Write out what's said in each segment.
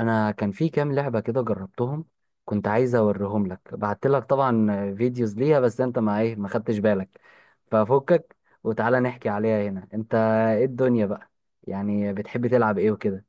انا كان في كام لعبه كده جربتهم. كنت عايز اوريهم لك، بعت لك طبعا فيديوز ليها، بس انت ما ايه ما خدتش بالك. ففكك وتعالى نحكي عليها هنا. انت ايه الدنيا بقى؟ يعني بتحب تلعب ايه وكده؟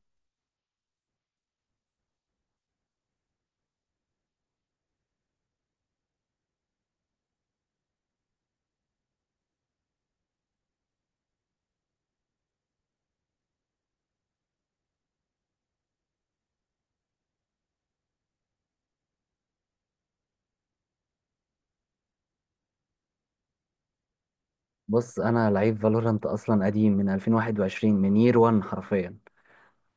بص، انا لعيب فالورانت اصلا قديم من 2021، من يير 1 حرفيا.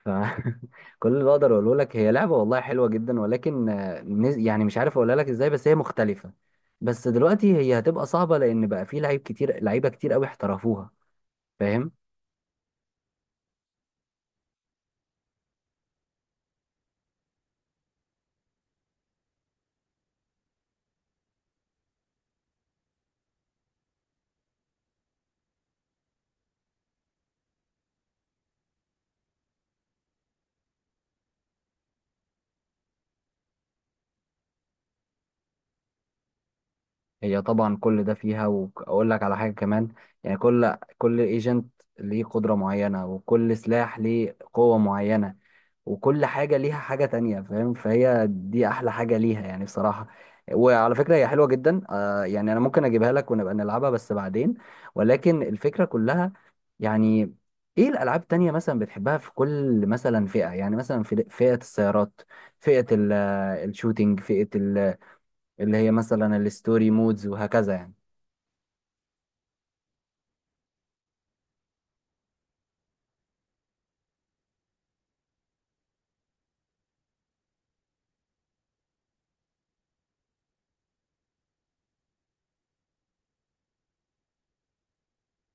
ف كل اللي اقدر اقوله لك، هي لعبه والله حلوه جدا، ولكن يعني مش عارف اقولها لك ازاي، بس هي مختلفه. بس دلوقتي هي هتبقى صعبه، لان بقى في لعيب كتير، لعيبه كتير قوي احترفوها. فاهم؟ هي طبعا كل ده فيها، واقول لك على حاجه كمان. يعني كل ايجنت ليه قدره معينه، وكل سلاح ليه قوه معينه، وكل حاجه ليها حاجه تانية، فاهم؟ فهي دي احلى حاجه ليها يعني بصراحه. وعلى فكره هي حلوه جدا. يعني انا ممكن اجيبها لك ونبقى نلعبها بس بعدين. ولكن الفكره كلها يعني، ايه الالعاب التانية مثلا بتحبها في كل مثلا فئه؟ يعني مثلا في فئه السيارات، فئه ال- الشوتينج، فئه اللي هي مثلا الستوري مودز، وهكذا يعني.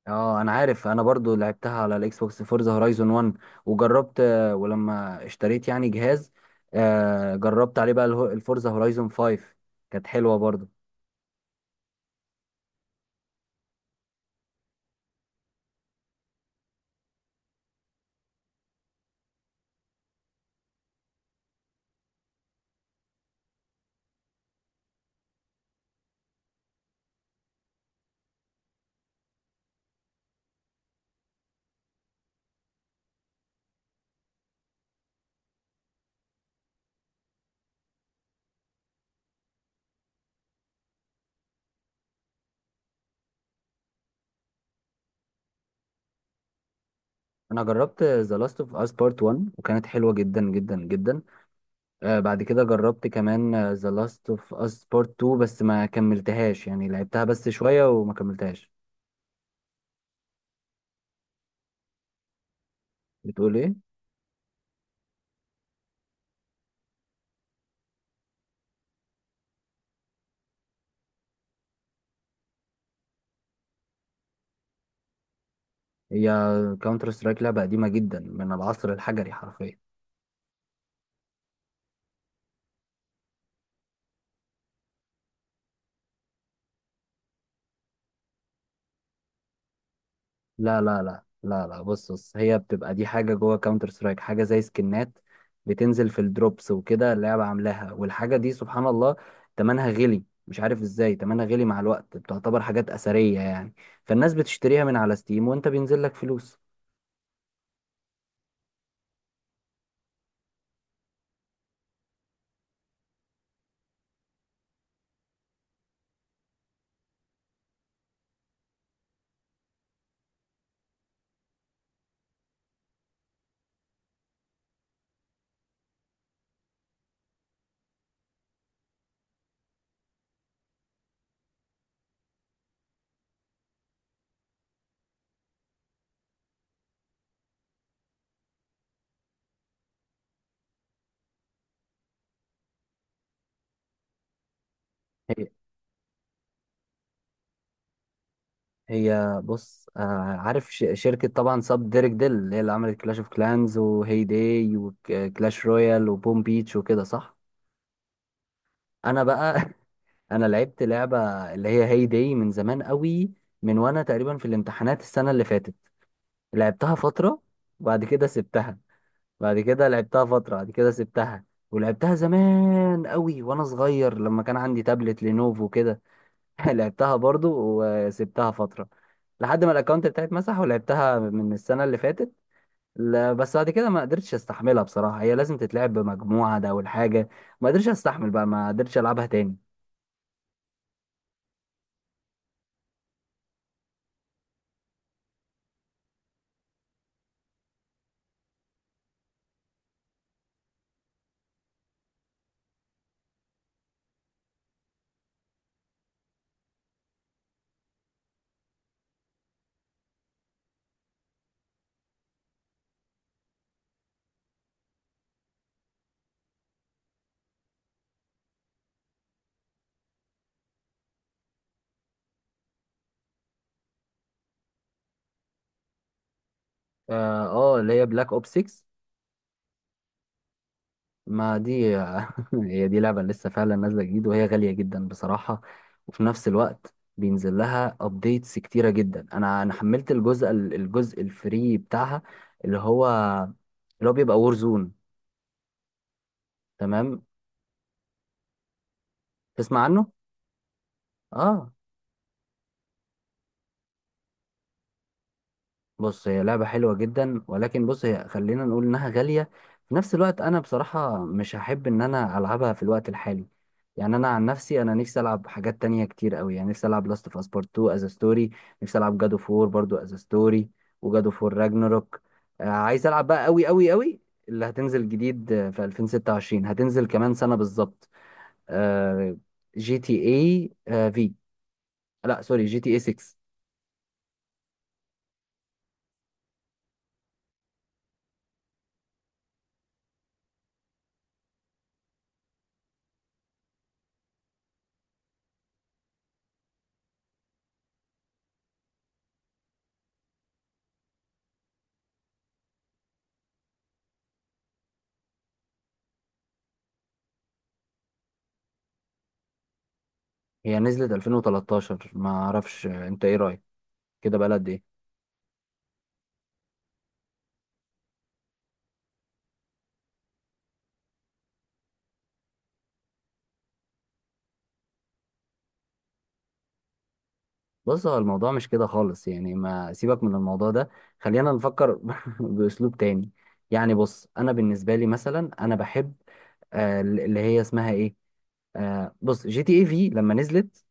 اه، انا عارف، انا برضو لعبتها على الاكس بوكس، فورزا هورايزون 1. وجربت ولما اشتريت يعني جهاز، جربت عليه بقى الفورزا هورايزون 5، كانت حلوة برضو. انا جربت ذا لاست اوف اس بارت 1 وكانت حلوة جدا جدا جدا. بعد كده جربت كمان ذا لاست اوف اس بارت 2، بس ما كملتهاش، يعني لعبتها بس شوية وما كملتهاش. بتقول ايه؟ هي كاونتر سترايك لعبة قديمة جدا من العصر الحجري حرفيا. لا لا لا لا لا، بص، هي بتبقى دي حاجة جوه كاونتر سترايك، حاجة زي سكنات بتنزل في الدروبس وكده، اللعبة عاملاها. والحاجة دي سبحان الله تمنها غلي، مش عارف ازاي تمنها غلي مع الوقت، بتعتبر حاجات أثرية يعني. فالناس بتشتريها من على ستيم وانت بينزل لك فلوس. هي هي بص، عارف شركة طبعا ساب ديريك ديل اللي هي اللي عملت كلاش اوف كلانز وهي داي وكلاش رويال وبوم بيتش وكده، صح؟ انا بقى انا لعبت لعبه اللي هي هي داي من زمان قوي، من وانا تقريبا في الامتحانات السنه اللي فاتت. لعبتها فتره وبعد كده سبتها، بعد كده لعبتها فتره بعد كده سبتها. ولعبتها زمان قوي وانا صغير لما كان عندي تابلت لينوفو كده لعبتها برضو، وسبتها فتره لحد ما الاكونت بتاعي اتمسح. ولعبتها من السنه اللي فاتت. لا بس بعد كده ما قدرتش استحملها بصراحه، هي لازم تتلعب بمجموعه، ده اول حاجه. ما قدرتش استحمل بقى، ما قدرتش العبها تاني. اه، اللي هي بلاك اوب 6. ما دي هي دي لعبة لسه فعلا نازلة جديد، وهي غالية جدا بصراحة. وفي نفس الوقت بينزل لها ابديتس كتيرة جدا. انا حملت الجزء الفري بتاعها، اللي هو اللي هو بيبقى وور زون. تمام. تسمع عنه؟ اه، بص هي لعبة حلوة جدا، ولكن بص هي خلينا نقول إنها غالية. في نفس الوقت أنا بصراحة مش هحب إن أنا ألعبها في الوقت الحالي. يعني أنا عن نفسي، أنا نفسي ألعب حاجات تانية كتير أوي. يعني نفسي ألعب لاست أوف أس بارت 2 أز ستوري، نفسي ألعب جادو فور برضو أز ستوري، وجادو فور راجناروك. عايز ألعب بقى أوي أوي أوي اللي هتنزل جديد في 2026، هتنزل كمان سنة بالظبط. آه، جي تي اي في، لا سوري، جي تي اي 6. هي نزلت 2013، ما أعرفش. أنت إيه رأيك كده بقى قد ايه؟ بص، هو الموضوع مش كده خالص يعني، ما سيبك من الموضوع ده، خلينا نفكر باسلوب تاني. يعني بص انا بالنسبه لي مثلا انا بحب، اللي هي اسمها ايه، بص جي تي اي في لما نزلت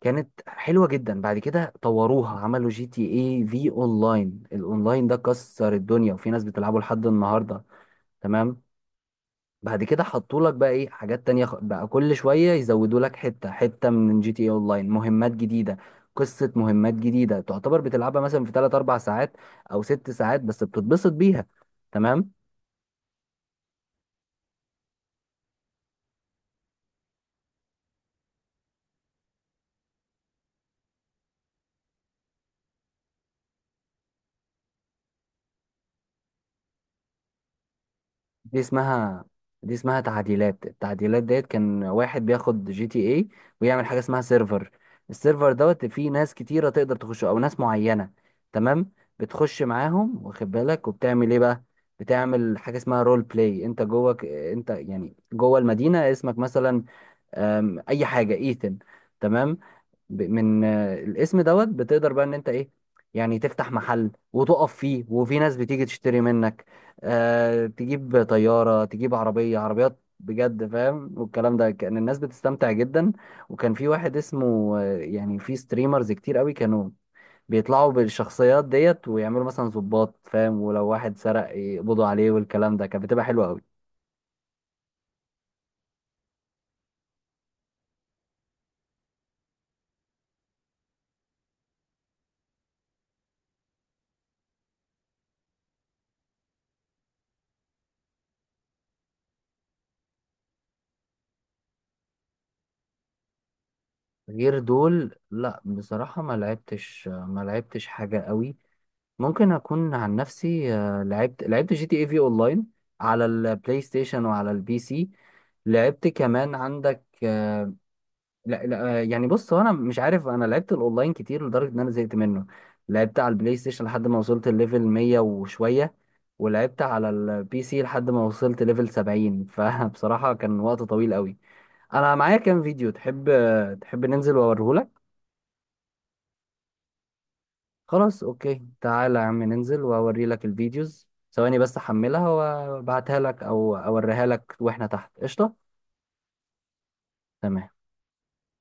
كانت حلوه جدا، بعد كده طوروها، عملوا جي تي اي في اونلاين. الاونلاين ده كسر الدنيا وفي ناس بتلعبه لحد النهارده. تمام. بعد كده حطوا لك بقى ايه حاجات تانية، بقى كل شوية يزودوا لك حتة حتة من جي تي اي اونلاين مهمات جديدة، قصة مهمات جديدة تعتبر، بتلعبها مثلا في 3 4 ساعات او 6 ساعات بس بتتبسط بيها. تمام. دي اسمها دي اسمها تعديلات. التعديلات ديت كان واحد بياخد جي تي اي، ويعمل حاجه اسمها سيرفر. السيرفر دوت فيه ناس كتيره تقدر تخش او ناس معينه. تمام. بتخش معاهم، واخد بالك؟ وبتعمل ايه بقى؟ بتعمل حاجه اسمها رول بلاي، انت جواك انت يعني جوه المدينه، اسمك مثلا اي حاجه، ايثن. تمام. من الاسم دوت بتقدر بقى ان انت ايه، يعني تفتح محل وتقف فيه وفي ناس بتيجي تشتري منك. آه تجيب طيارة، تجيب عربية، عربيات بجد، فاهم؟ والكلام ده، كان الناس بتستمتع جدا. وكان في واحد اسمه، يعني في ستريمرز كتير قوي كانوا بيطلعوا بالشخصيات ديت، ويعملوا مثلا ضباط، فاهم؟ ولو واحد سرق يقبضوا عليه، والكلام ده، كانت بتبقى حلوة قوي. غير دول، لا بصراحة ما لعبتش، ما لعبتش حاجة قوي. ممكن اكون عن نفسي لعبت جي تي اي في اونلاين على البلاي ستيشن وعلى البي سي. لعبت كمان عندك، لا لا، يعني بص هو انا مش عارف، انا لعبت الاونلاين كتير لدرجه ان انا زهقت منه. لعبت على البلاي ستيشن لحد ما وصلت الليفل 100 وشويه، ولعبت على البي سي لحد ما وصلت ليفل 70. فبصراحه كان وقت طويل قوي. انا معايا كام فيديو، تحب تحب ننزل واوريهولك؟ خلاص اوكي، تعالى يا عم ننزل واوري لك الفيديوز، ثواني بس احملها وابعتها لك او اوريها لك واحنا تحت، قشطة. تمام.